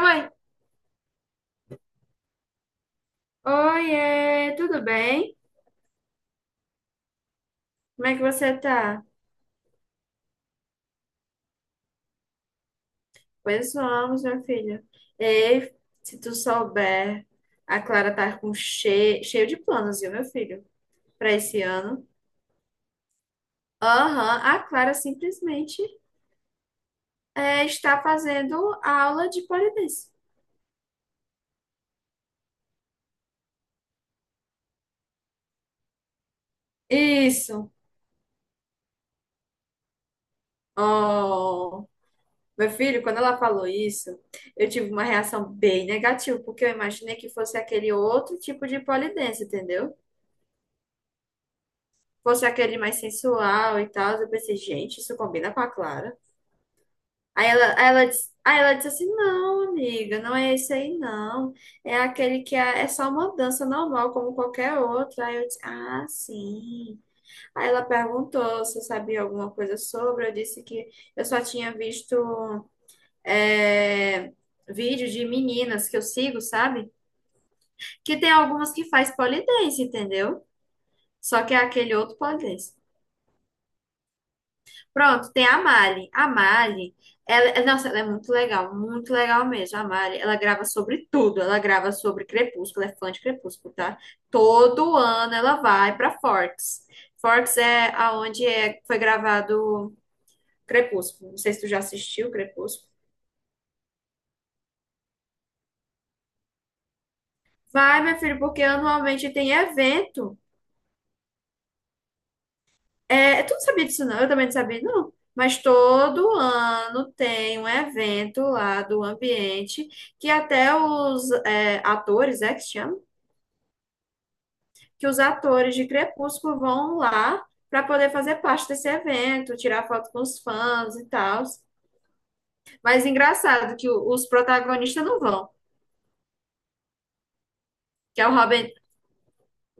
Oi, oiê, tudo bem? Como é que você tá? Pois vamos, meu filho. Ei, se tu souber, a Clara tá com cheio de planos, viu, meu filho, pra esse ano. Aham, a Clara simplesmente está fazendo aula de pole dance. Isso. Oh, meu filho, quando ela falou isso, eu tive uma reação bem negativa, porque eu imaginei que fosse aquele outro tipo de pole dance, entendeu? Fosse aquele mais sensual e tal. Eu pensei, gente, isso combina com a Clara. Aí ela disse assim: não, amiga, não é esse aí, não. É aquele que é só uma dança normal, como qualquer outra. Aí eu disse: ah, sim. Aí ela perguntou se eu sabia alguma coisa sobre. Eu disse que eu só tinha visto é, vídeos de meninas que eu sigo, sabe? Que tem algumas que faz pole dance, entendeu? Só que é aquele outro pole dance. Pronto, tem a Mali. A Mali, nossa, ela é muito legal mesmo. A Mali, ela grava sobre tudo. Ela grava sobre Crepúsculo, é fã de Crepúsculo, tá? Todo ano ela vai pra Forks. Forks é aonde foi gravado Crepúsculo. Não sei se tu já assistiu Crepúsculo. Vai, meu filho, porque anualmente tem evento. É, tu não sabia disso, não? Eu também não sabia, não. Mas todo ano tem um evento lá do ambiente que até os atores, é que se chama? Que os atores de Crepúsculo vão lá para poder fazer parte desse evento, tirar foto com os fãs e tal. Mas engraçado que os protagonistas não vão, que é o Robert,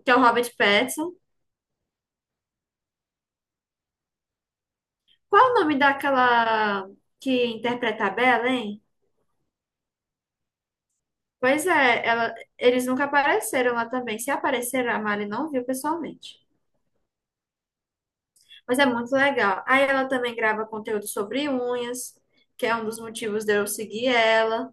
que é o Robert Pattinson. Qual é o nome daquela que interpreta a Bella, hein? Pois é, ela, eles nunca apareceram lá também. Se apareceram, a Mari não viu pessoalmente. Mas é muito legal. Aí ela também grava conteúdo sobre unhas, que é um dos motivos de eu seguir ela.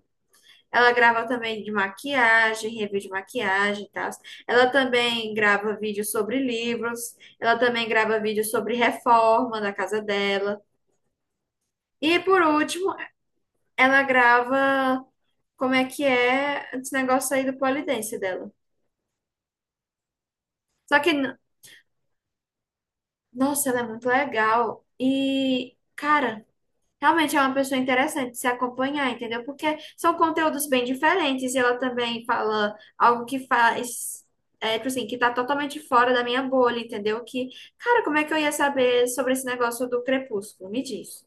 Ela grava também de maquiagem, review de maquiagem e tal. Ela também grava vídeos sobre livros. Ela também grava vídeos sobre reforma da casa dela. E por último, ela grava como é que é esse negócio aí do polidense dela. Só que nossa, ela é muito legal. E, cara, realmente é uma pessoa interessante de se acompanhar, entendeu? Porque são conteúdos bem diferentes e ela também fala algo que tipo assim, que tá totalmente fora da minha bolha, entendeu? Que, cara, como é que eu ia saber sobre esse negócio do Crepúsculo? Me diz.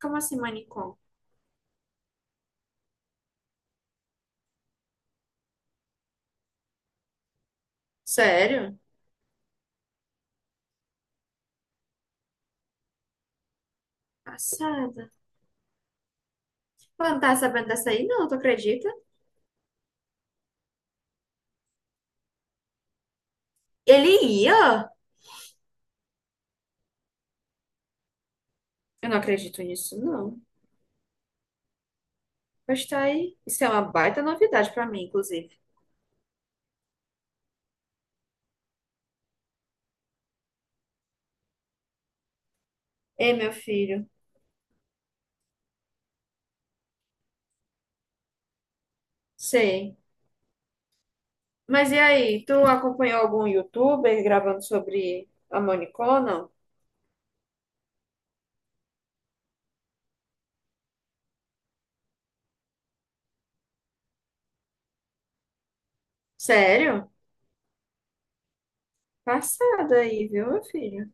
Como assim, manicom? Sério? Passada. Ela não tá sabendo dessa aí, não, tu acredita? Ele ia? Eu não acredito nisso, não. Mas tá aí. Isso é uma baita novidade pra mim, inclusive. Ei, meu filho, sei. Mas e aí, tu acompanhou algum youtuber gravando sobre a Monicô, não? Sério? Passado aí, viu, meu filho?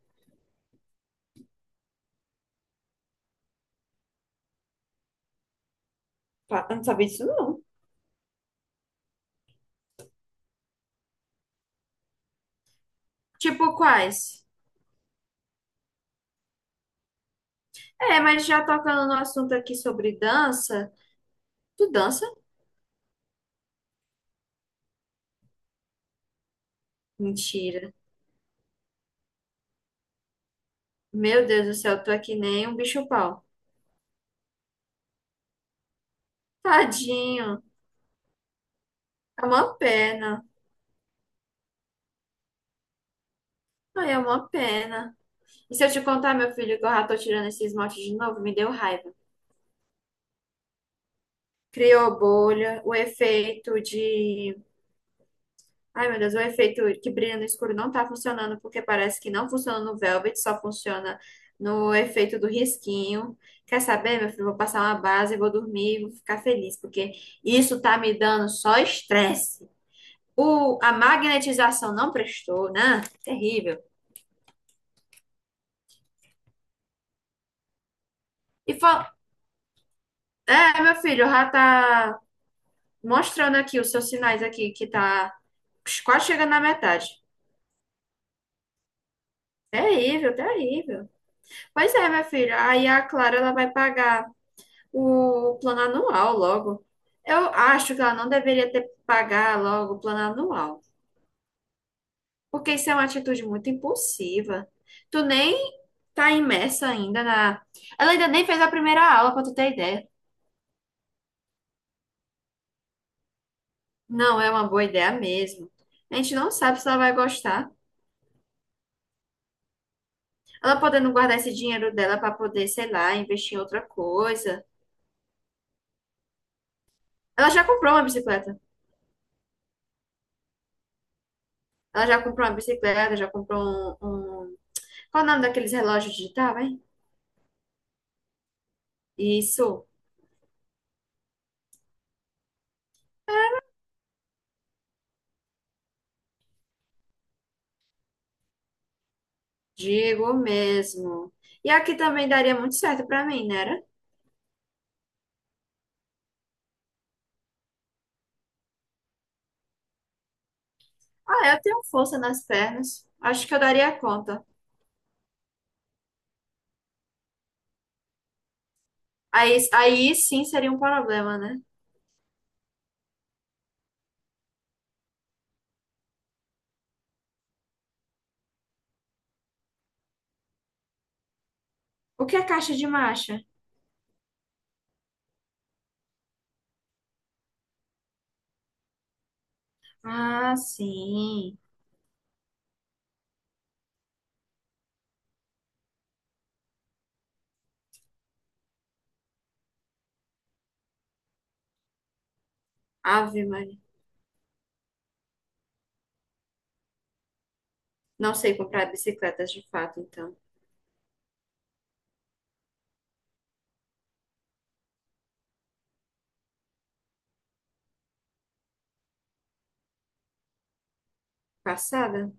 Eu não sabia disso, não. Tipo quais? É, mas já tocando no assunto aqui sobre dança. Tu dança? Mentira. Meu Deus do céu, tu é que nem um bicho-pau. Tadinho. É uma pena. Ai, é uma pena. E se eu te contar, meu filho, que eu já tô tirando esse esmalte de novo, me deu raiva. Criou bolha, o efeito de. Ai, meu Deus, o efeito que brilha no escuro não tá funcionando, porque parece que não funciona no Velvet, só funciona no efeito do risquinho. Quer saber, meu filho? Vou passar uma base, vou dormir, vou ficar feliz, porque isso tá me dando só estresse. O, a magnetização não prestou, né? Terrível. E meu filho, já tá mostrando aqui os seus sinais aqui, que tá quase chegando na metade. Terrível, terrível. Pois é, minha filha. Aí a Clara ela vai pagar o plano anual logo. Eu acho que ela não deveria ter pagar logo o plano anual, porque isso é uma atitude muito impulsiva. Tu nem tá imersa ainda na. Ela ainda nem fez a primeira aula, pra tu ter ideia. Não é uma boa ideia mesmo. A gente não sabe se ela vai gostar. Ela podendo guardar esse dinheiro dela pra poder, sei lá, investir em outra coisa. Ela já comprou uma bicicleta. Ela já comprou uma bicicleta, já comprou um qual o nome daqueles relógios digital, hein? Isso, digo mesmo. E aqui também daria muito certo pra mim, né? Era? Ah, eu tenho força nas pernas. Acho que eu daria conta. Aí sim seria um problema, né? O que é caixa de marcha? Ah, sim. Ave Maria. Não sei comprar bicicletas de fato, então. Passada?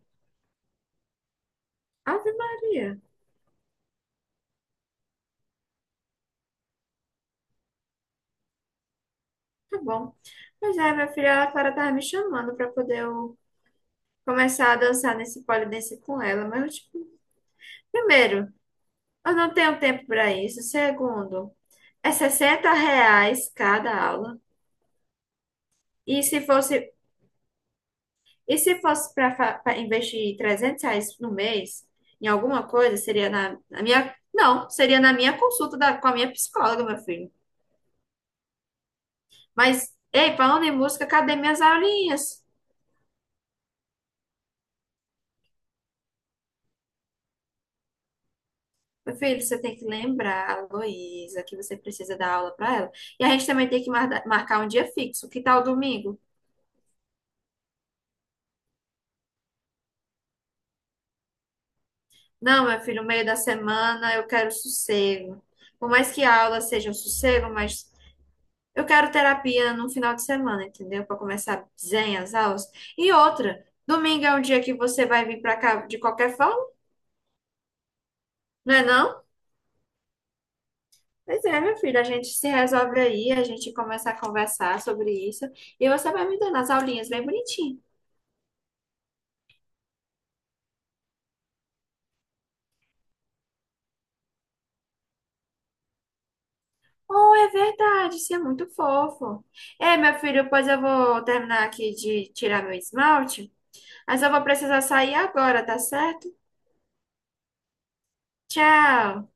Ave Maria. Tá bom. Pois é, minha filha, a Clara tava me chamando pra poder eu começar a dançar nesse polidense com ela, mas eu, tipo, primeiro, eu não tenho tempo para isso. Segundo, é R$ 60 cada aula. E se fosse, e se fosse para investir R$ 300 no mês em alguma coisa, seria na minha. Não, seria na minha consulta com a minha psicóloga, meu filho. Mas, ei, falando em música, cadê minhas aulinhas? Meu filho, você tem que lembrar, a Heloísa, que você precisa dar aula para ela. E a gente também tem que marcar um dia fixo. Que tal domingo? Não, meu filho, no meio da semana eu quero sossego. Por mais que a aula seja um sossego, mas eu quero terapia no final de semana, entendeu? Para começar zen as aulas. E outra, domingo é um dia que você vai vir para cá de qualquer forma, não é não? Pois é, meu filho, a gente se resolve aí, a gente começa a conversar sobre isso e você vai me dando as aulinhas bem bonitinho. Oh, é verdade, isso é muito fofo. É, meu filho, pois eu vou terminar aqui de tirar meu esmalte. Mas eu vou precisar sair agora, tá certo? Tchau!